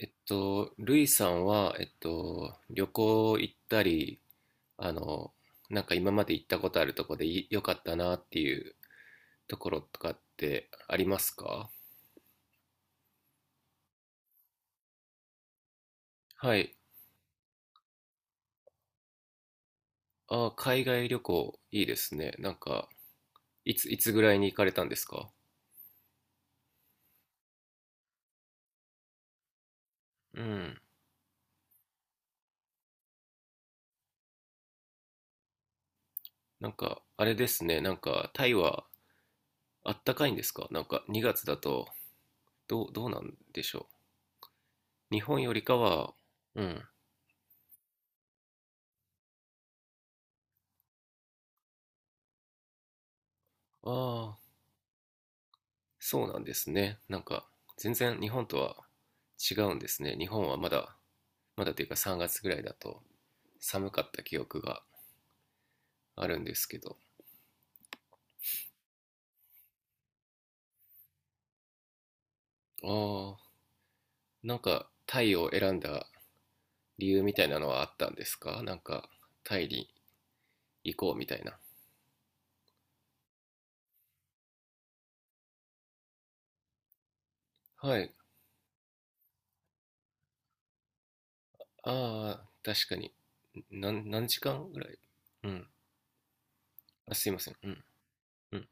ルイさんは、旅行行ったり、あの、なんか今まで行ったことあるとこで良かったなっていうところとかってありますか？はい。あー、海外旅行いいですね。なんか、いつぐらいに行かれたんですか？うん。なんか、あれですね。なんか、タイはあったかいんですか？なんか、2月だと、どうなんでしょう。日本よりかは、うん。あ、そうなんですね。なんか、全然日本とは違うんですね。日本はまだ、まだというか3月ぐらいだと寒かった記憶があるんですけど。ああ、なんかタイを選んだ理由みたいなのはあったんですか？なんか、タイに行こうみたいな。はい。ああ、確かに。何時間ぐらい、うん。あ、すいません。うん。うん。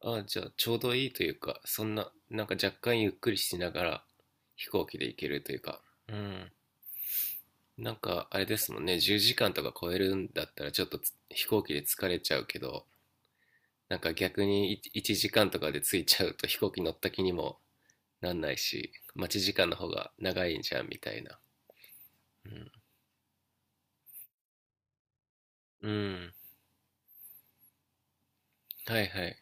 ああ、じゃあちょうどいいというか、そんな、なんか若干ゆっくりしながら飛行機で行けるというか。うん。なんかあれですもんね、10時間とか超えるんだったらちょっと飛行機で疲れちゃうけど、なんか逆に1時間とかで着いちゃうと飛行機乗った気にもなんないし、待ち時間の方が長いんじゃんみたいな。うん。うん。はいはい。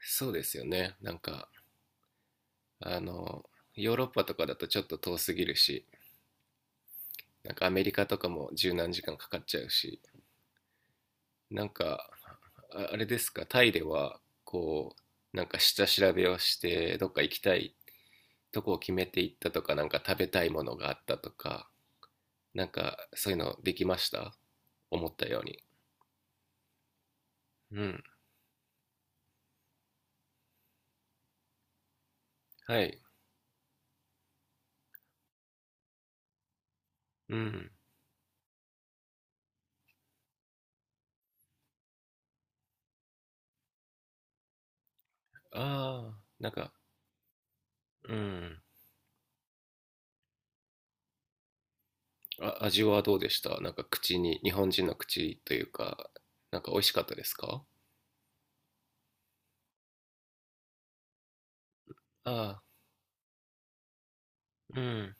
そうですよね。なんか、あの、ヨーロッパとかだとちょっと遠すぎるし、なんかアメリカとかも十何時間かかっちゃうし、なんか、あ、あれですか、タイでは、こう、なんか下調べをして、どっか行きたいとこを決めていったとか、なんか食べたいものがあったとか、なんかそういうのできました思ったように。うん。はい。うん。ああ、なんか、うん。あ、味はどうでした？なんか口に、日本人の口というか、なんか美味しかったですか？ああ、うん。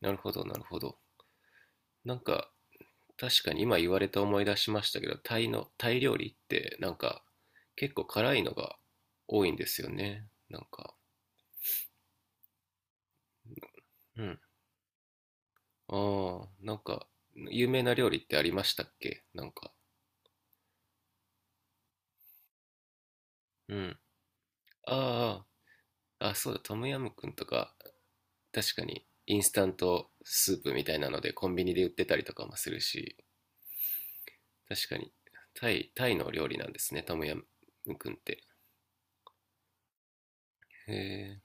なるほど、なるほど。なんか、確かに今言われて思い出しましたけど、タイ料理ってなんか結構辛いのが多いんですよね。なんか、うん。ああ、なんか、有名な料理ってありましたっけ？なんか。うん。ああ、あ、そうだ、トムヤムクンとか、確かに、インスタントスープみたいなので、コンビニで売ってたりとかもするし、確かに、タイの料理なんですね、トムヤムクンって。へえ。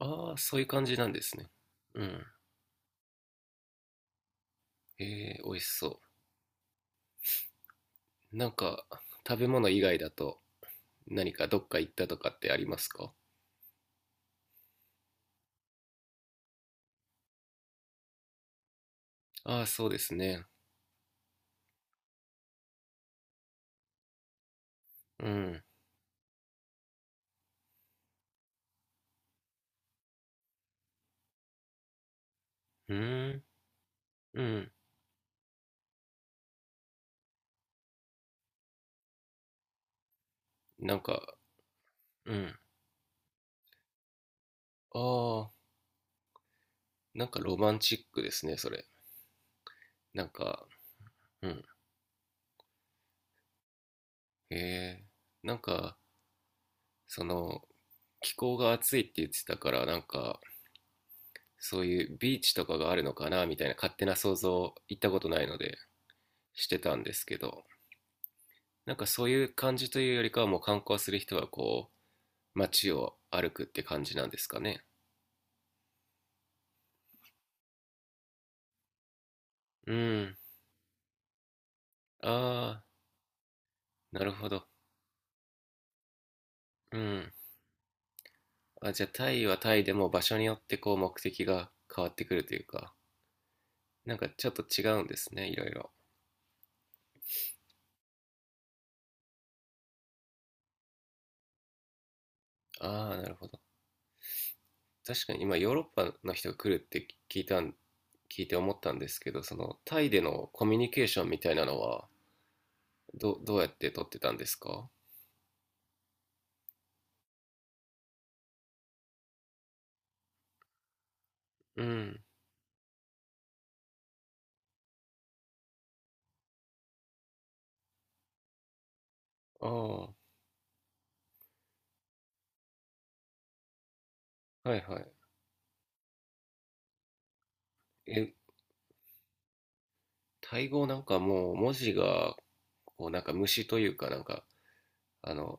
ああ、そういう感じなんですね。うん。へえ、美味しそう。なんか、食べ物以外だと、何かどっか行ったとかってありますか？ああ、そうですね。うん。うん。うん。なんか、うん。ああ、なんかロマンチックですね、それ。なんか、うん。へえ。なんか、その、気候が暑いって言ってたから、なんか、そういうビーチとかがあるのかな、みたいな勝手な想像、行ったことないので、してたんですけど、なんかそういう感じというよりかは、もう観光する人はこう、街を歩くって感じなんですかね。うん。ああ、なるほど。うん。あ、じゃあタイはタイでも場所によってこう目的が変わってくるというか。なんかちょっと違うんですね、いろいろ。ああ、なるほど。確かに今ヨーロッパの人が来るって聞いて思ったんですけど、そのタイでのコミュニケーションみたいなのはどうやって取ってたんですか？うん。ああ、はいはい。え、タイ語なんかもう文字がこうなんか虫というかなんかあの、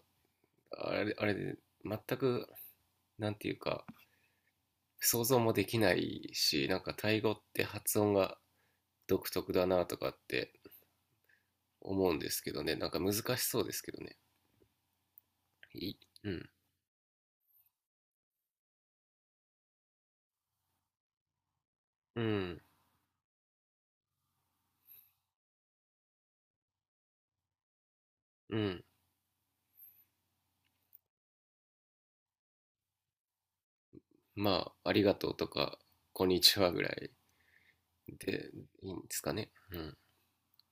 あれで全くなんていうか想像もできないし、なんかタイ語って発音が独特だなとかって思うんですけどね。なんか難しそうですけどね。いうん。うん。うん。まあ、ありがとうとか、こんにちはぐらいでいいんですかね。うん。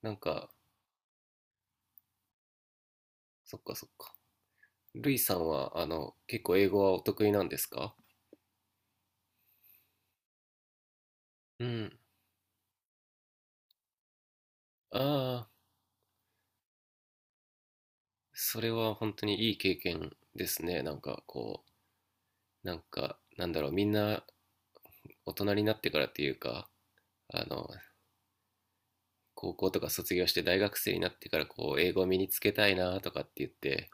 なんか、そっかそっか。ルイさんは、結構英語はお得意なんですか？うん。ああ、それは本当にいい経験ですね。なんかこう、なんか、なんだろう、みんな大人になってからっていうか、あの、高校とか卒業して大学生になってからこう、英語を身につけたいなとかって言って、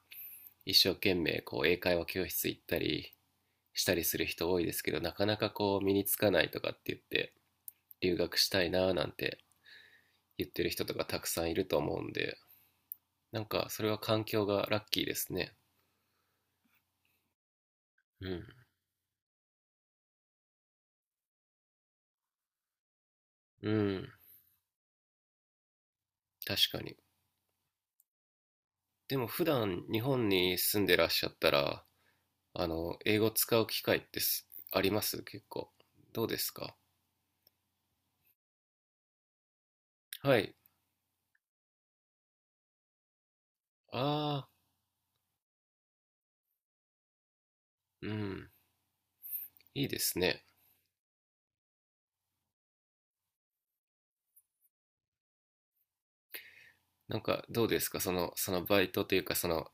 一生懸命こう英会話教室行ったりしたりする人多いですけどなかなかこう身につかないとかって言って留学したいななんて言ってる人とかたくさんいると思うんで、なんかそれは環境がラッキーですね。うん。うん。確かに。でも普段日本に住んでらっしゃったらあの英語使う機会ってあります？結構どうですか？はい。ああ。ーうん。いいですね。なんかどうですか？そのバイトというかその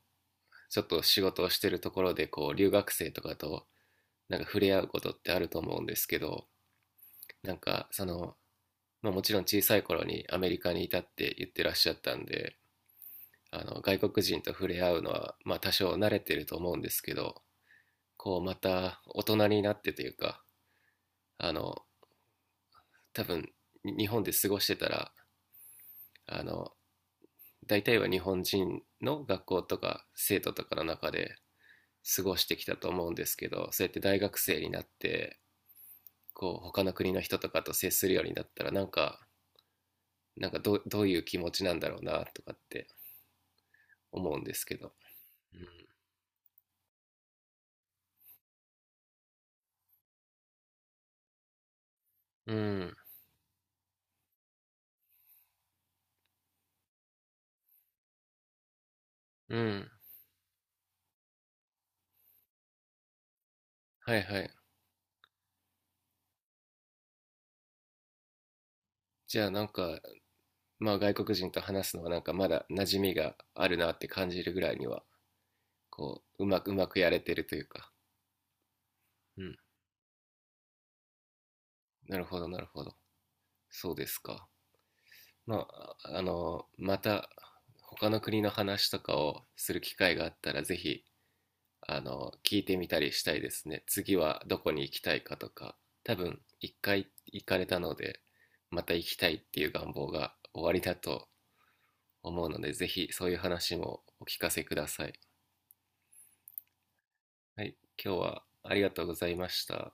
ちょっと仕事をしてるところでこう留学生とかとなんか触れ合うことってあると思うんですけど、なんかその、まあ、もちろん小さい頃にアメリカにいたって言ってらっしゃったんであの外国人と触れ合うのはまあ多少慣れてると思うんですけど、こうまた大人になってというか、あの、多分日本で過ごしてたらあの大体は日本人の学校とか生徒とかの中で過ごしてきたと思うんですけど、そうやって大学生になってこう他の国の人とかと接するようになったらなんか、なんかどういう気持ちなんだろうなとかって思うんですけど。うん。うん、うん、はいはい。じゃあなんか、まあ外国人と話すのはなんかまだ馴染みがあるなって感じるぐらいにはこううまくやれてるというか。うん。なるほどなるほど。そうですか。まああのまた他の国の話とかをする機会があったらぜひあの、聞いてみたりしたいですね。次はどこに行きたいかとか、多分一回行かれたので、また行きたいっていう願望が終わりだと思うので、ぜひそういう話もお聞かせください。はい、今日はありがとうございました。